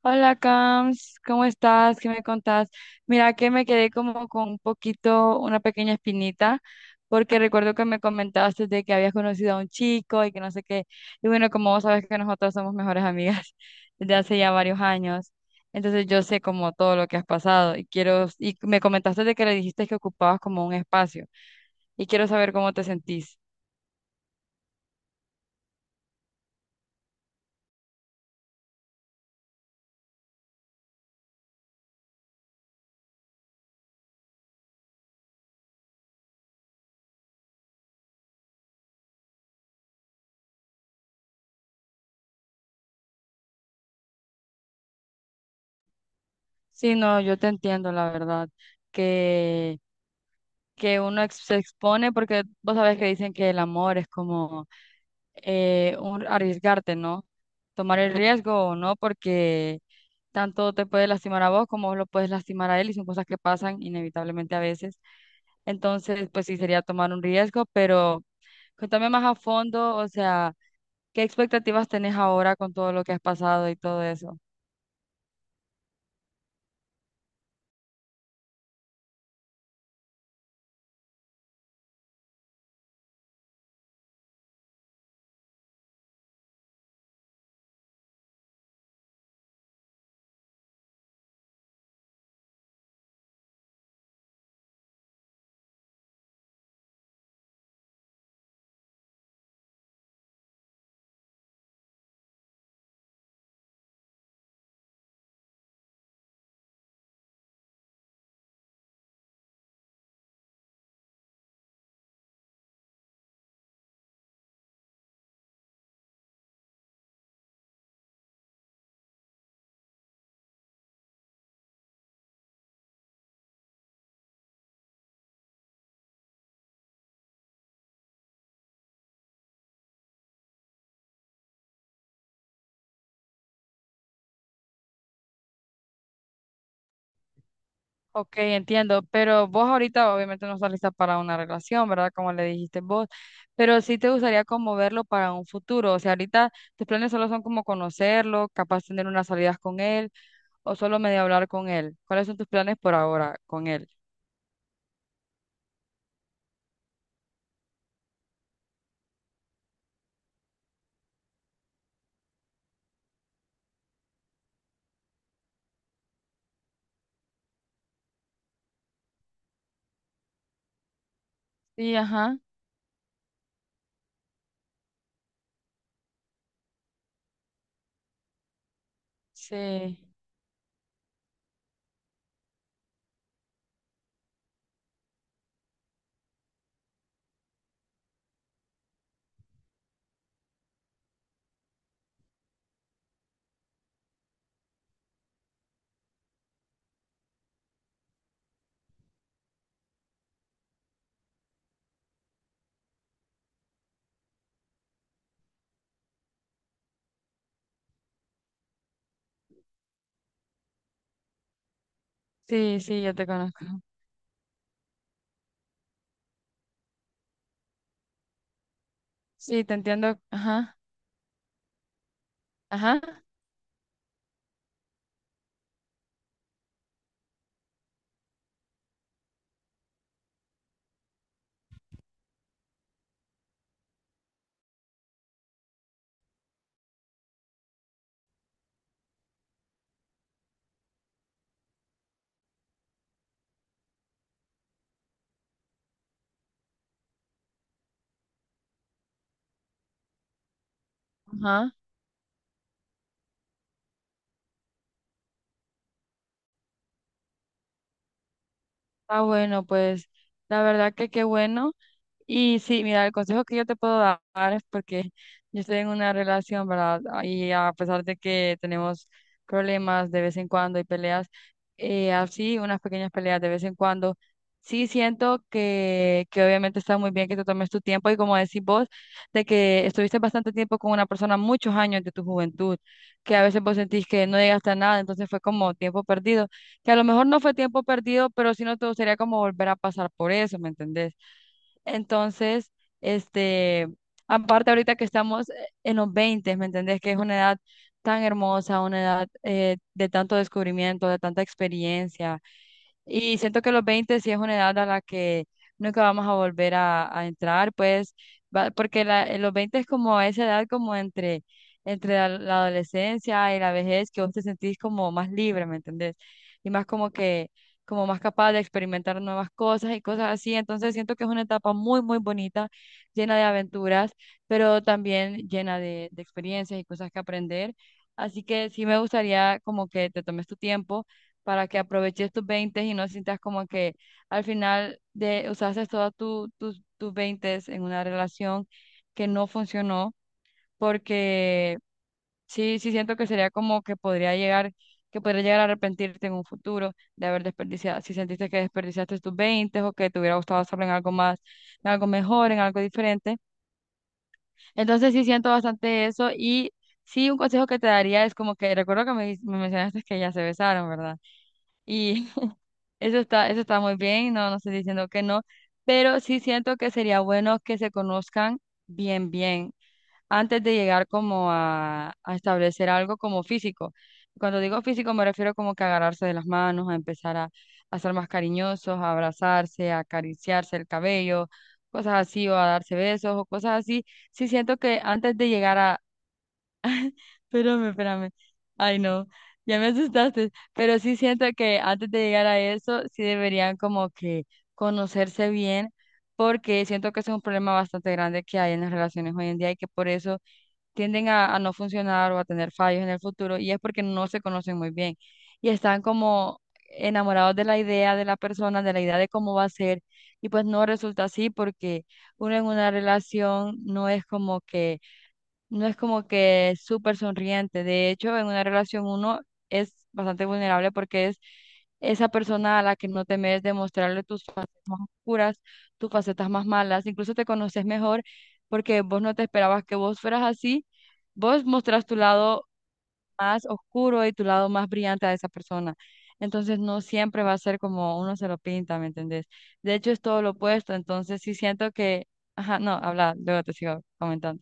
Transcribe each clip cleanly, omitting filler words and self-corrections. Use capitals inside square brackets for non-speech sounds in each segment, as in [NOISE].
Hola, Cams, ¿cómo estás? ¿Qué me contás? Mira que me quedé como con un poquito, una pequeña espinita, porque recuerdo que me comentaste de que habías conocido a un chico y que no sé qué. Y bueno, como vos sabes que nosotros somos mejores amigas [LAUGHS] desde hace ya varios años, entonces yo sé como todo lo que has pasado y me comentaste de que le dijiste que ocupabas como un espacio y quiero saber cómo te sentís. Sí, no, yo te entiendo, la verdad, que... que uno se expone, porque vos sabés que dicen que el amor es como un arriesgarte, ¿no? Tomar el riesgo o no, porque tanto te puede lastimar a vos como vos lo puedes lastimar a él y son cosas que pasan inevitablemente a veces. Entonces, pues sí, sería tomar un riesgo, pero cuéntame más a fondo, o sea, ¿qué expectativas tenés ahora con todo lo que has pasado y todo eso? Ok, entiendo, pero vos ahorita obviamente no estás lista para una relación, ¿verdad? Como le dijiste vos, pero sí te gustaría como verlo para un futuro, o sea, ahorita tus planes solo son como conocerlo, capaz tener unas salidas con él o solo medio hablar con él. ¿Cuáles son tus planes por ahora con él? Sí, ajá. Sí, sí, sí, yo te conozco. Sí, te entiendo. Ajá, ajá, ajá. Ah, bueno, pues la verdad que qué bueno. Y sí, mira, el consejo que yo te puedo dar es porque yo estoy en una relación, ¿verdad? Y a pesar de que tenemos problemas de vez en cuando y peleas, así, unas pequeñas peleas de vez en cuando, sí siento que obviamente está muy bien que te tomes tu tiempo y como decís vos, de que estuviste bastante tiempo con una persona, muchos años de tu juventud, que a veces vos sentís que no llegaste a nada, entonces fue como tiempo perdido, que a lo mejor no fue tiempo perdido, pero sí no te gustaría como volver a pasar por eso, ¿me entendés? Entonces, este, aparte ahorita que estamos en los veinte, ¿me entendés? Que es una edad tan hermosa, una edad de tanto descubrimiento, de tanta experiencia, y siento que los 20 sí es una edad a la que nunca vamos a volver a entrar, pues, en los 20 es como esa edad como entre la adolescencia y la vejez, que vos te sentís como más libre, ¿me entendés? Y más como que, como más capaz de experimentar nuevas cosas y cosas así. Entonces siento que es una etapa muy, muy bonita, llena de aventuras, pero también llena de experiencias y cosas que aprender. Así que sí me gustaría como que te tomes tu tiempo para que aproveches tus 20 y no sientas como que al final de usaste todos tu, tus tus 20 en una relación que no funcionó, porque sí, sí siento que sería como que podría llegar a arrepentirte en un futuro de haber desperdiciado, si sentiste que desperdiciaste tus 20 o que te hubiera gustado hacerlo en algo más, en algo mejor, en algo diferente. Entonces sí siento bastante eso y... Sí, un consejo que te daría es como que, recuerdo que me mencionaste que ya se besaron, ¿verdad? Y eso está, eso está muy bien, no, no estoy diciendo que no, pero sí siento que sería bueno que se conozcan bien, bien, antes de llegar como a establecer algo como físico. Cuando digo físico me refiero como que agarrarse de las manos, a empezar a ser más cariñosos, a abrazarse, a acariciarse el cabello, cosas así, o a darse besos o cosas así. Sí siento que antes de llegar. Espérame, espérame. Ay, no, ya me asustaste. Pero sí siento que antes de llegar a eso, sí deberían como que conocerse bien, porque siento que ese es un problema bastante grande que hay en las relaciones hoy en día y que por eso tienden a no funcionar o a tener fallos en el futuro, y es porque no se conocen muy bien y están como enamorados de la idea de la persona, de la idea de cómo va a ser, y pues no resulta así porque uno en una relación no es como que no es como que súper sonriente. De hecho, en una relación uno es bastante vulnerable porque es esa persona a la que no temes demostrarle tus facetas más oscuras, tus facetas más malas. Incluso te conoces mejor porque vos no te esperabas que vos fueras así. Vos mostrás tu lado más oscuro y tu lado más brillante a esa persona. Entonces no siempre va a ser como uno se lo pinta, ¿me entendés? De hecho, es todo lo opuesto. Entonces sí siento que... Ajá, no, habla, luego te sigo comentando.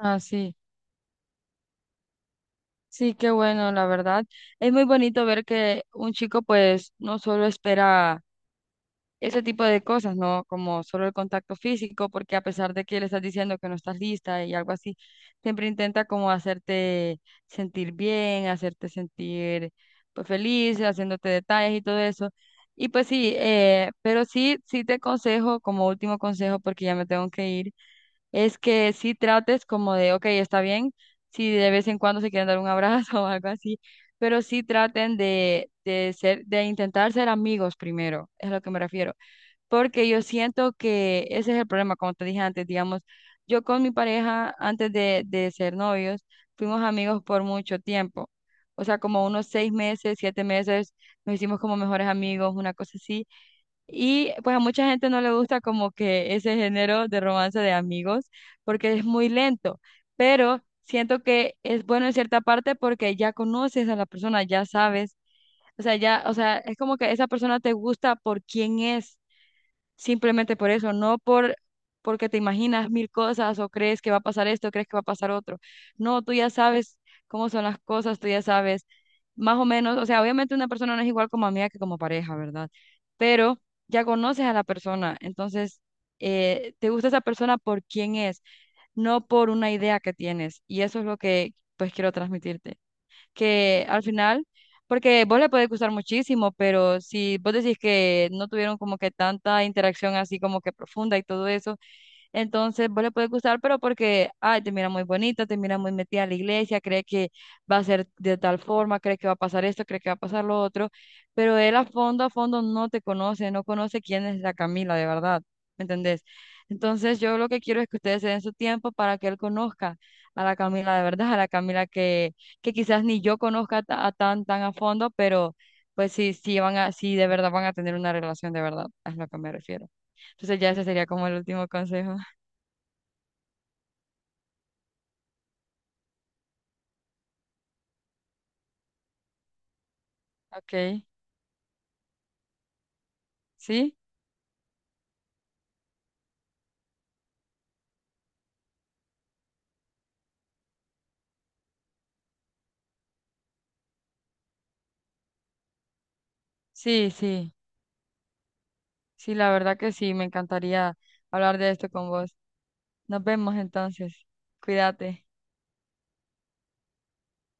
Ah, sí. Sí, qué bueno, la verdad. Es muy bonito ver que un chico pues no solo espera ese tipo de cosas, ¿no? Como solo el contacto físico, porque a pesar de que le estás diciendo que no estás lista y algo así, siempre intenta como hacerte sentir bien, hacerte sentir pues feliz, haciéndote detalles y todo eso. Y pues sí, pero sí, sí te aconsejo como último consejo, porque ya me tengo que ir es que sí trates como de, ok, está bien, si de vez en cuando se quieren dar un abrazo [LAUGHS] o algo así, pero sí traten de intentar ser amigos primero, es a lo que me refiero, porque yo siento que ese es el problema, como te dije antes, digamos, yo con mi pareja, antes de ser novios, fuimos amigos por mucho tiempo. O sea, como unos 6 meses, 7 meses, nos hicimos como mejores amigos, una cosa así y pues a mucha gente no le gusta como que ese género de romance de amigos porque es muy lento, pero siento que es bueno en cierta parte porque ya conoces a la persona, ya sabes, o sea, ya, o sea, es como que esa persona te gusta por quién es simplemente por eso, no por porque te imaginas mil cosas o crees que va a pasar esto, crees que va a pasar otro. No, tú ya sabes cómo son las cosas, tú ya sabes más o menos, o sea, obviamente una persona no es igual como amiga que como pareja, ¿verdad? Pero ya conoces a la persona, entonces te gusta esa persona por quién es, no por una idea que tienes, y eso es lo que pues quiero transmitirte que al final, porque vos le puede gustar muchísimo, pero si vos decís que no tuvieron como que tanta interacción así como que profunda y todo eso, entonces, vos le puede gustar, pero porque, ay, te mira muy bonita, te mira muy metida en la iglesia, cree que va a ser de tal forma, cree que va a pasar esto, cree que va a pasar lo otro, pero él a fondo no te conoce, no conoce quién es la Camila de verdad, ¿me entendés? Entonces, yo lo que quiero es que ustedes se den su tiempo para que él conozca a la Camila de verdad, a la Camila que quizás ni yo conozca a tan, tan a fondo, pero pues sí, sí de verdad van a tener una relación de verdad, es lo que me refiero. Entonces ya ese sería como el último consejo. Okay, sí, sí, sí, sí, la verdad que sí, me encantaría hablar de esto con vos. Nos vemos entonces, cuídate.